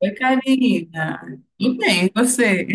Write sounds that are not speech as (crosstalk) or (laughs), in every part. Oi, Karina. Tudo bem, e você?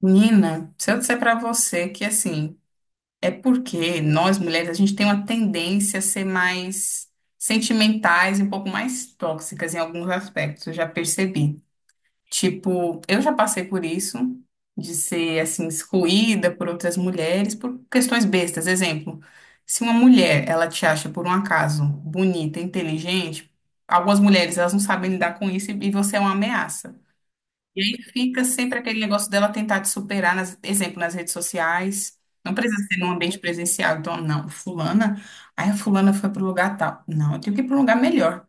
Nina, se eu disser pra você que assim, é porque nós mulheres a gente tem uma tendência a ser mais sentimentais e um pouco mais tóxicas em alguns aspectos, eu já percebi. Tipo, eu já passei por isso, de ser assim excluída por outras mulheres por questões bestas. Exemplo, se uma mulher, ela te acha por um acaso bonita, inteligente, algumas mulheres elas não sabem lidar com isso e você é uma ameaça. E aí fica sempre aquele negócio dela tentar te superar, nas, exemplo, nas redes sociais. Não precisa ser num ambiente presencial. Então, não, fulana, aí a fulana foi para o lugar tal. Não, eu tenho que ir para um lugar melhor.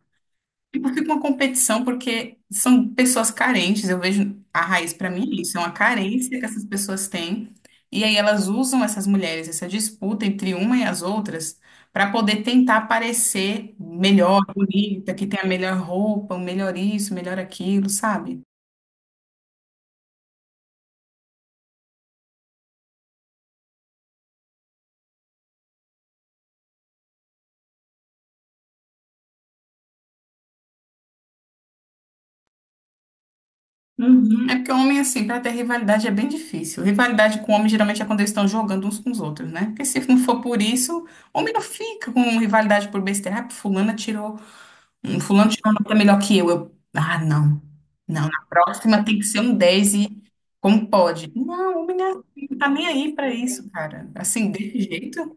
Tipo, fica uma competição porque são pessoas carentes. Eu vejo a raiz para mim é isso, é uma carência que essas pessoas têm. E aí elas usam essas mulheres, essa disputa entre uma e as outras, para poder tentar parecer melhor, bonita, que tem a melhor roupa, o melhor isso, o melhor aquilo, sabe? Uhum. É porque homem, assim, pra ter rivalidade é bem difícil. Rivalidade com homem geralmente é quando eles estão jogando uns com os outros, né? Porque se não for por isso, homem não fica com rivalidade por besteira. Ah, fulano tirou um nota melhor que eu. Eu, ah, não. Não, na próxima tem que ser um 10 e como pode? Não, homem não é assim, não tá nem aí pra isso, cara. Assim, desse jeito.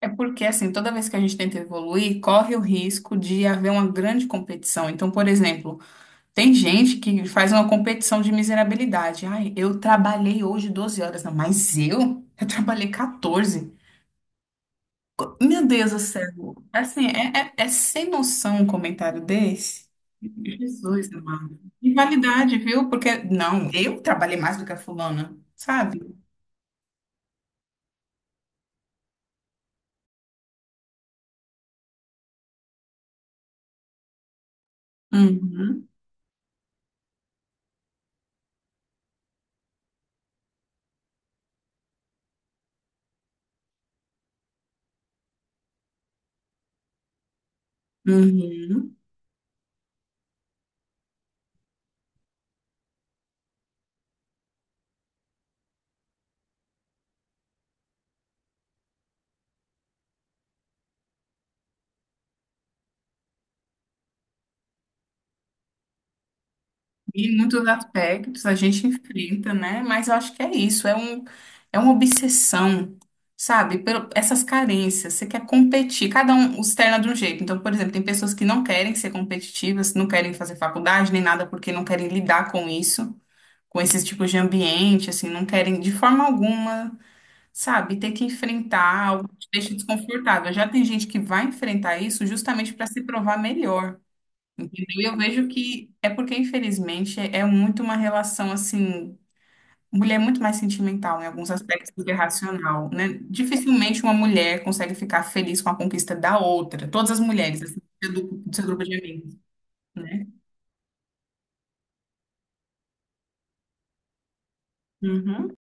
É porque, assim, toda vez que a gente tenta evoluir, corre o risco de haver uma grande competição. Então, por exemplo, tem gente que faz uma competição de miserabilidade. Ai, eu trabalhei hoje 12 horas. Não, mas eu? Eu trabalhei 14. Meu Deus do céu. Assim, é sem noção um comentário desse. Jesus, amado. Rivalidade, viu? Porque, não, eu trabalhei mais do que a fulana, sabe? Uhum, uhum. E muitos aspectos a gente enfrenta, né? Mas eu acho que é isso, é uma obsessão, sabe? Pelo, essas carências, você quer competir, cada um externa de um jeito. Então, por exemplo, tem pessoas que não querem ser competitivas, não querem fazer faculdade nem nada porque não querem lidar com isso, com esses tipos de ambiente, assim, não querem de forma alguma, sabe? Ter que enfrentar algo que te deixa desconfortável. Já tem gente que vai enfrentar isso justamente para se provar melhor. Entendeu? E eu vejo que é porque, infelizmente, é muito uma relação assim. Mulher é muito mais sentimental em alguns aspectos do que racional, né? Dificilmente uma mulher consegue ficar feliz com a conquista da outra. Todas as mulheres, assim, do, do seu grupo de amigos, né? Uhum. O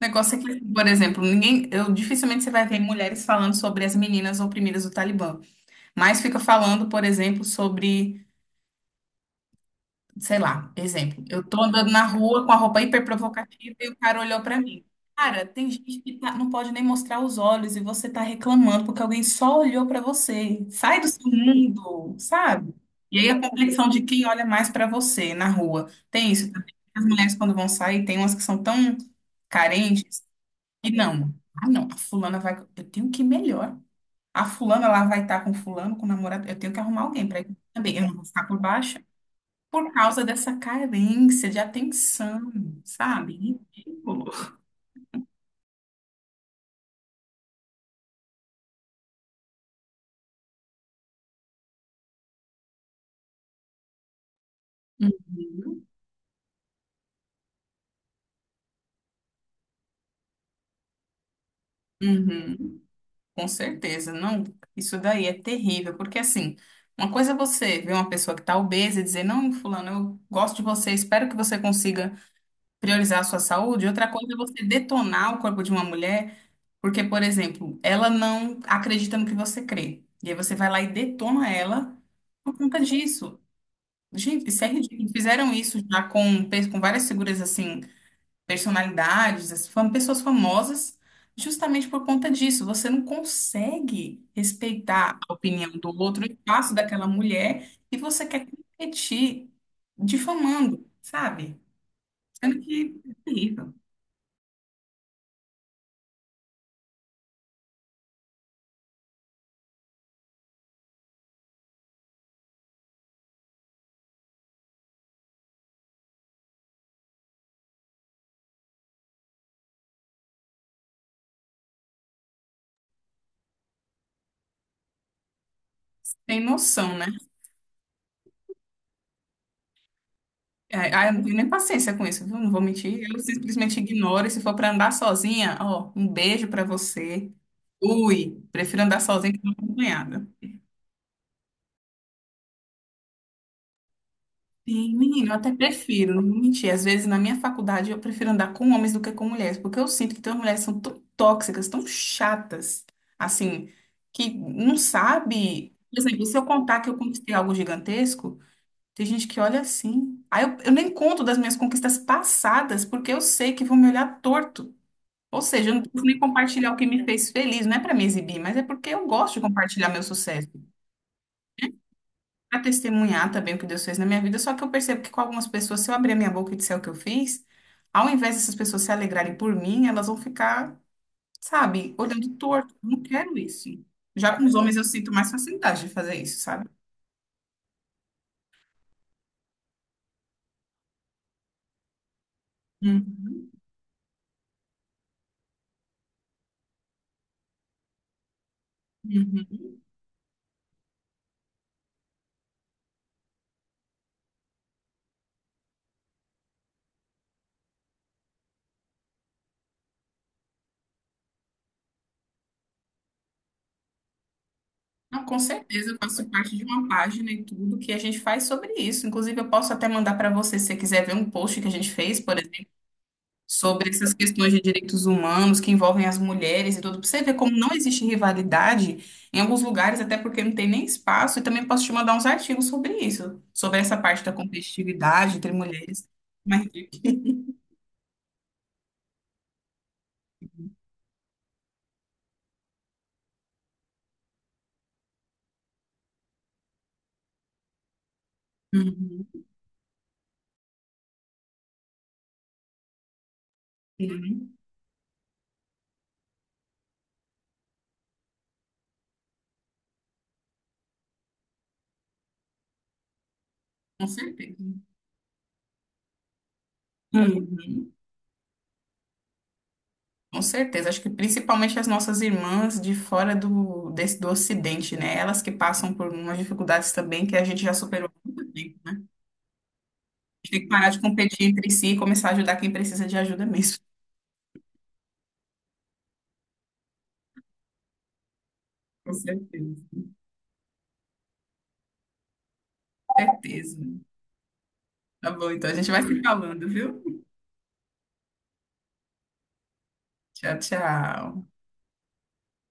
negócio é que, assim, por exemplo, ninguém, eu dificilmente você vai ver mulheres falando sobre as meninas oprimidas do Talibã, mas fica falando, por exemplo, sobre sei lá, exemplo, eu tô andando na rua com a roupa hiper provocativa e o cara olhou pra mim. Cara, tem gente que não pode nem mostrar os olhos e você tá reclamando porque alguém só olhou pra você. Sai do seu mundo, sabe? E aí a competição de quem olha mais pra você na rua. Tem isso também. As mulheres quando vão sair, tem umas que são tão carentes e não. Ah, não, a fulana vai, eu tenho que ir melhor. A fulana lá vai estar com fulano, com o namorado, eu tenho que arrumar alguém pra ir também. Eu não vou ficar por baixo por causa dessa carência de atenção, sabe? Ridículo. Uhum. Uhum. Com certeza, não. Isso daí é terrível, porque assim, uma coisa é você ver uma pessoa que está obesa e dizer, não, fulano, eu gosto de você, espero que você consiga priorizar a sua saúde. Outra coisa é você detonar o corpo de uma mulher, porque, por exemplo, ela não acredita no que você crê. E aí você vai lá e detona ela por conta disso. Gente, Fizeram isso já com várias figuras, assim, personalidades, as pessoas famosas, justamente por conta disso. Você não consegue respeitar a opinião do outro, o espaço daquela mulher, e você quer competir difamando, sabe? Sendo que é terrível. Tem noção, né? É, ah, eu não tenho nem paciência com isso, viu? Não vou mentir. Eu simplesmente ignoro. E se for pra andar sozinha, ó, um beijo pra você. Ui, prefiro andar sozinha que não acompanhada. Sim, menino, eu até prefiro, não vou mentir. Às vezes na minha faculdade eu prefiro andar com homens do que com mulheres, porque eu sinto que tem umas mulheres que são tão tóxicas, tão chatas, assim, que não sabe. Por exemplo, se eu contar que eu conquistei algo gigantesco, tem gente que olha assim. Aí eu nem conto das minhas conquistas passadas, porque eu sei que vão me olhar torto. Ou seja, eu não preciso nem compartilhar o que me fez feliz, não é para me exibir, mas é porque eu gosto de compartilhar meu sucesso para testemunhar também o que Deus fez na minha vida, só que eu percebo que com algumas pessoas, se eu abrir a minha boca e disser o que eu fiz, ao invés dessas pessoas se alegrarem por mim, elas vão ficar, sabe, olhando torto. Eu não quero isso. Já com os homens eu sinto mais facilidade de fazer isso, sabe? Uhum, uhum. Não, com certeza, eu faço parte de uma página e tudo que a gente faz sobre isso. Inclusive, eu posso até mandar para você, se você quiser ver um post que a gente fez, por exemplo sobre essas questões de direitos humanos que envolvem as mulheres e tudo, pra você ver como não existe rivalidade em alguns lugares, até porque não tem nem espaço, e também posso te mandar uns artigos sobre isso, sobre essa parte da competitividade entre mulheres. Mas, uhum. Uhum. Com certeza. Uhum. Com certeza. Acho que principalmente as nossas irmãs de fora do, desse, do Ocidente, né? Elas que passam por umas dificuldades também que a gente já superou há muito tempo, né? A gente tem que parar de competir entre si e começar a ajudar quem precisa de ajuda mesmo. (laughs) Com certeza. Certeza. Tá bom, então a gente vai se falando, viu? Tchau, tchau.